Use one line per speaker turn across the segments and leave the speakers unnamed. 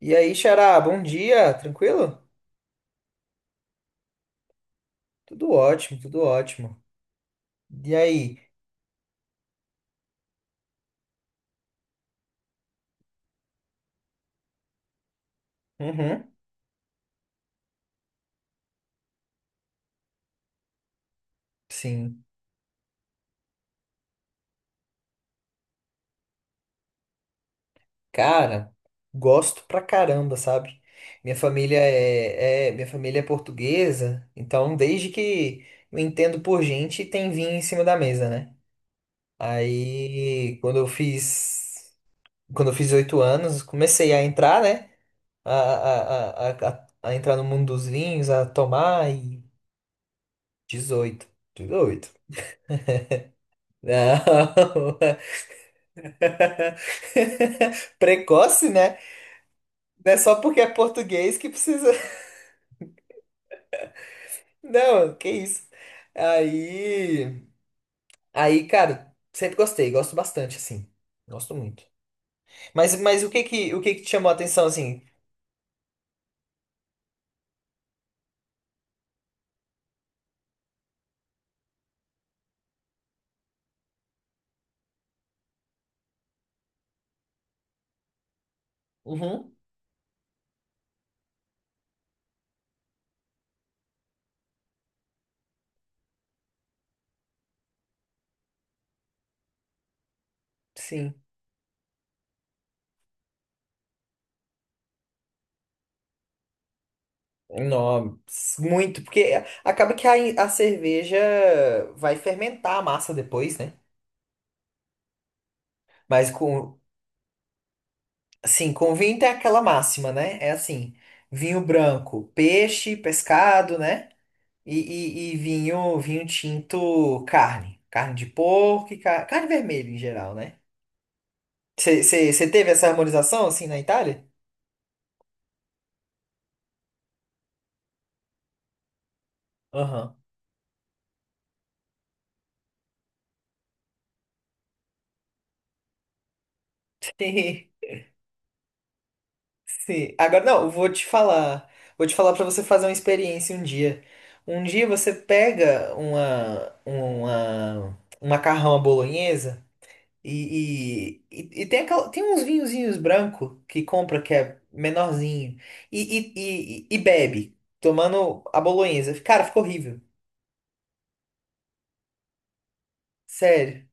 E aí, Xará, bom dia, tranquilo? Tudo ótimo, tudo ótimo. E aí? Uhum, sim. Cara, gosto pra caramba, sabe? Minha família é, minha família é portuguesa, então desde que eu entendo por gente, tem vinho em cima da mesa, né? Aí, quando eu fiz, Quando eu fiz 8 anos, comecei a entrar, né? A entrar no mundo dos vinhos, a tomar e 18. 18. Não. Precoce, né? Não é só porque é português que precisa. Não, que isso. Aí, aí, cara, sempre gostei, gosto bastante, assim. Gosto muito. Mas o que que te chamou a atenção, assim? Uhum, sim. Não, muito, porque acaba que a cerveja vai fermentar a massa depois, né? Mas com, Assim, com vinho tem aquela máxima, né? É assim, vinho branco, peixe, pescado, né? E, e vinho tinto, carne. Carne de porco e carne vermelha em geral, né? Você teve essa harmonização, assim, na Itália? Aham. Sim, sim. Agora, não, eu vou te falar. Vou te falar para você fazer uma experiência um dia. Um dia você pega um macarrão à bolonhesa, e tem, tem uns vinhozinhos branco que compra que é menorzinho e, e bebe, tomando a bolonhesa. Cara, ficou horrível. Sério.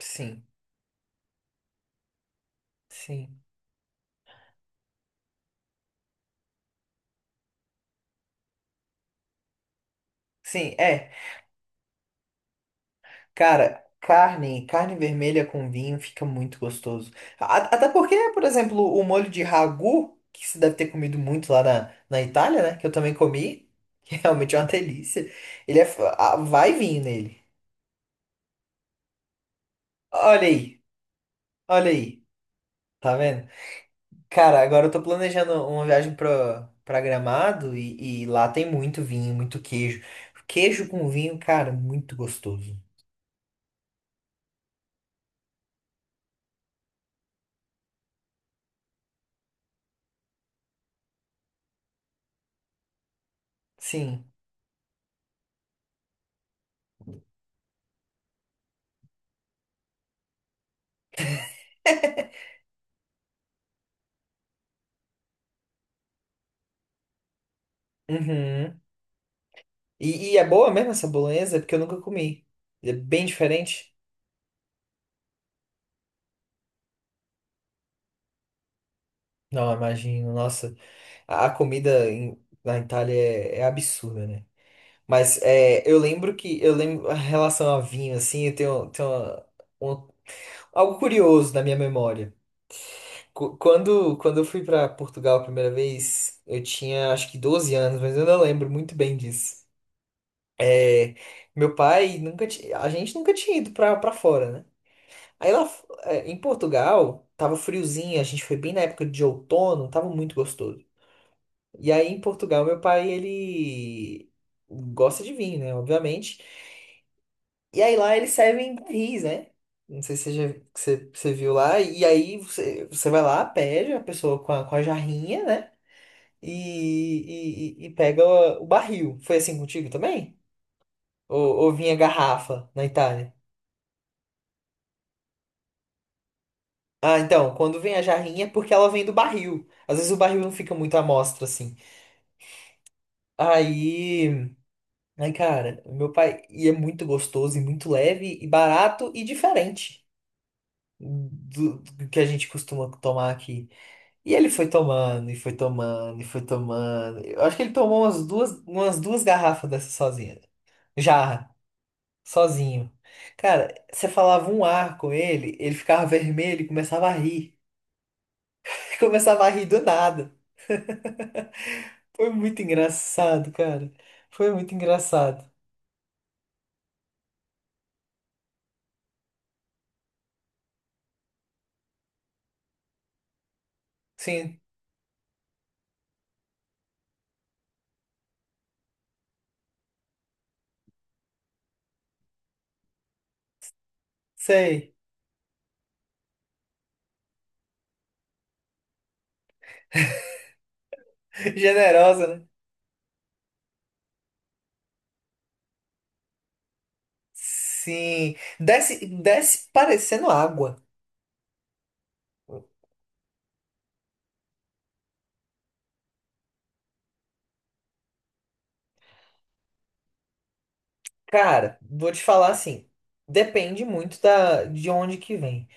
Sim, sim, sim. É, cara, carne vermelha com vinho fica muito gostoso. Até porque, por exemplo, o molho de ragu, que você deve ter comido muito lá na, na Itália, né? Que eu também comi, que realmente é uma delícia. Ele é, vai vinho nele. Olha aí, olha aí. Tá vendo? Cara, agora eu tô planejando uma viagem pra, pra Gramado e lá tem muito vinho, muito queijo. Queijo com vinho, cara, muito gostoso. Sim. Uhum. E é boa mesmo essa bolonhesa? Porque eu nunca comi. É bem diferente? Não, imagino. Nossa, a a comida em- na Itália é, é absurda, né? Mas é, eu lembro que, eu lembro, em relação a vinho, assim, eu tenho, um- algo curioso na minha memória. Quando eu fui para Portugal a primeira vez, eu tinha acho que 12 anos, mas eu não lembro muito bem disso. É, Meu pai nunca tinha, a gente nunca tinha ido pra, pra fora, né? Aí em Portugal, tava friozinho, a gente foi bem na época de outono, tava muito gostoso. E aí em Portugal, meu pai, ele gosta de vinho, né? Obviamente. E aí lá eles servem barris, né? Não sei se você, você viu lá. E aí você, você vai lá, pede a pessoa com a jarrinha, né? Pega o barril. Foi assim contigo também? Ou vinha garrafa na Itália? Ah, então, quando vem a jarrinha é porque ela vem do barril. Às vezes o barril não fica muito à mostra, assim. Aí, aí, cara, meu pai, e é muito gostoso e muito leve e barato e diferente do, do que a gente costuma tomar aqui. E ele foi tomando, e foi tomando, e foi tomando. Eu acho que ele tomou umas duas garrafas dessa sozinha. Jarra. Sozinho. Cara, você falava um ar com ele, ele ficava vermelho e começava a rir. Começava a rir do nada. Foi muito engraçado, cara. Foi muito engraçado. Sim, sei. Generosa, né? Sim. Desce, desce parecendo água. Cara, vou te falar assim. Depende muito da, de onde que vem.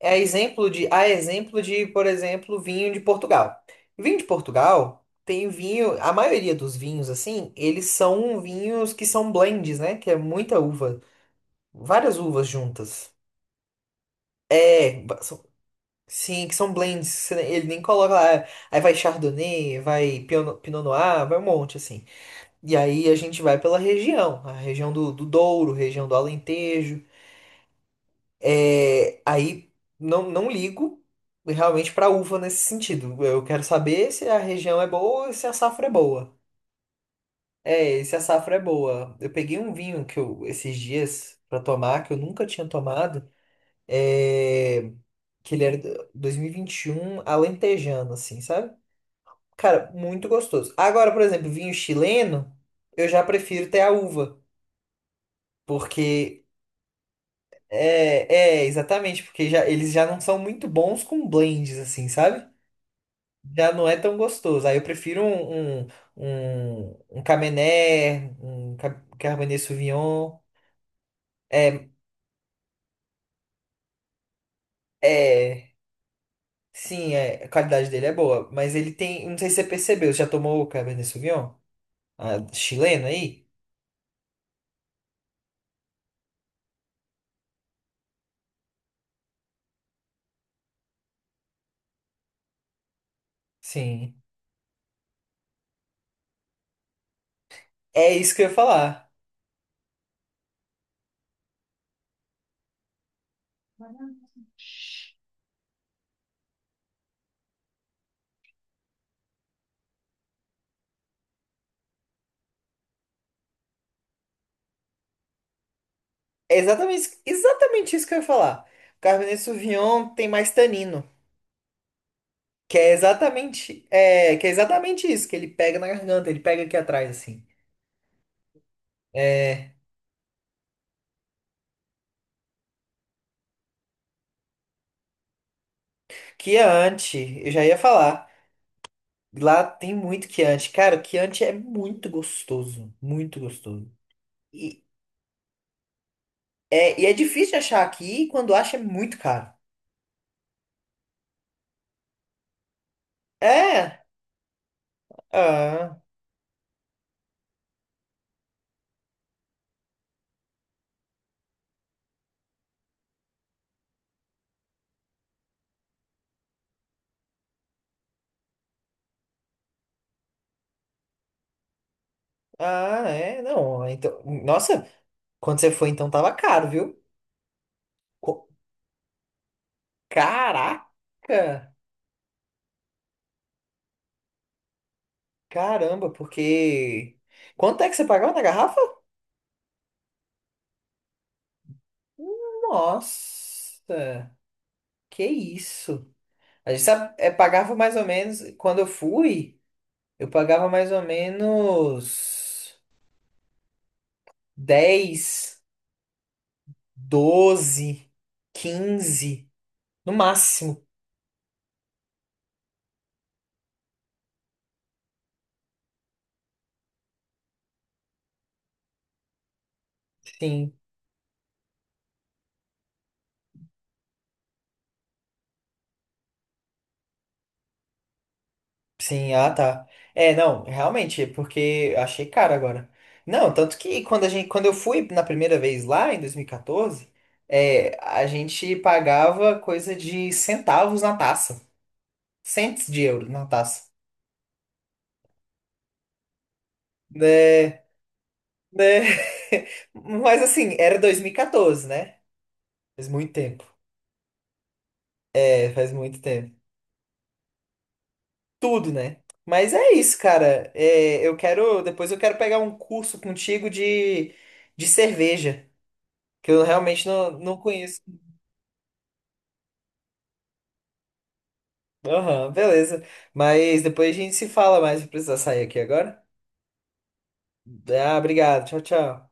A exemplo de, por exemplo, vinho de Portugal. Vinho de Portugal tem vinho, a maioria dos vinhos assim, eles são vinhos que são blends, né? Que é muita uva, várias uvas juntas. É, sim, que são blends. Você nem- Ele nem coloca lá, é, aí vai Chardonnay, vai Pinot Noir, vai um monte assim. E aí a gente vai pela região, a região do, do Douro, região do Alentejo. É, aí não ligo realmente para uva nesse sentido. Eu quero saber se a região é boa e se a safra é boa. É, se a safra é boa. Eu peguei um vinho que eu esses dias para tomar que eu nunca tinha tomado, é, que ele era 2021 alentejano assim, sabe? Cara, muito gostoso. Agora, por exemplo, vinho chileno, eu já prefiro ter a uva, porque é exatamente, porque já eles já não são muito bons com blends assim, sabe? Já não é tão gostoso. Aí eu prefiro um Cabernet, um Cabernet Sauvignon. É, é, sim, é, a qualidade dele é boa, mas ele tem, não sei se você percebeu, você já tomou o Cabernet Sauvignon? Ah, chileno aí? Sim. É isso que eu ia falar. É exatamente, exatamente isso que eu ia falar. O Cabernet Sauvignon tem mais tanino, que é exatamente, é, que é exatamente isso, que ele pega na garganta, ele pega aqui atrás, assim. É, Chianti, eu já ia falar. Lá tem muito quiante. Cara, o quiante é muito gostoso. Muito gostoso. E e é difícil de achar aqui, e quando acha é muito caro. É? Ah, ah, é. Não, então. Nossa, quando você foi, então tava caro, viu? Co- Caraca! Caramba, porque. Quanto é que você pagava na garrafa? Nossa, que isso? É, pagava mais ou menos. Quando eu fui, eu pagava mais ou menos. Dez, doze, 15 no máximo. Sim, sim, ah tá. É, não, realmente, é porque eu achei caro agora. Não, tanto que quando a gente, quando eu fui na primeira vez lá, em 2014, é, a gente pagava coisa de centavos na taça. Cents de euros na taça. Né, né. Mas assim, era 2014, né? Faz muito tempo. É, faz muito tempo. Tudo, né? Mas é isso, cara. É, eu quero. Depois eu quero pegar um curso contigo de cerveja, que eu realmente não conheço. Aham, beleza. Mas depois a gente se fala mais. Eu preciso sair aqui agora. Ah, obrigado. Tchau, tchau.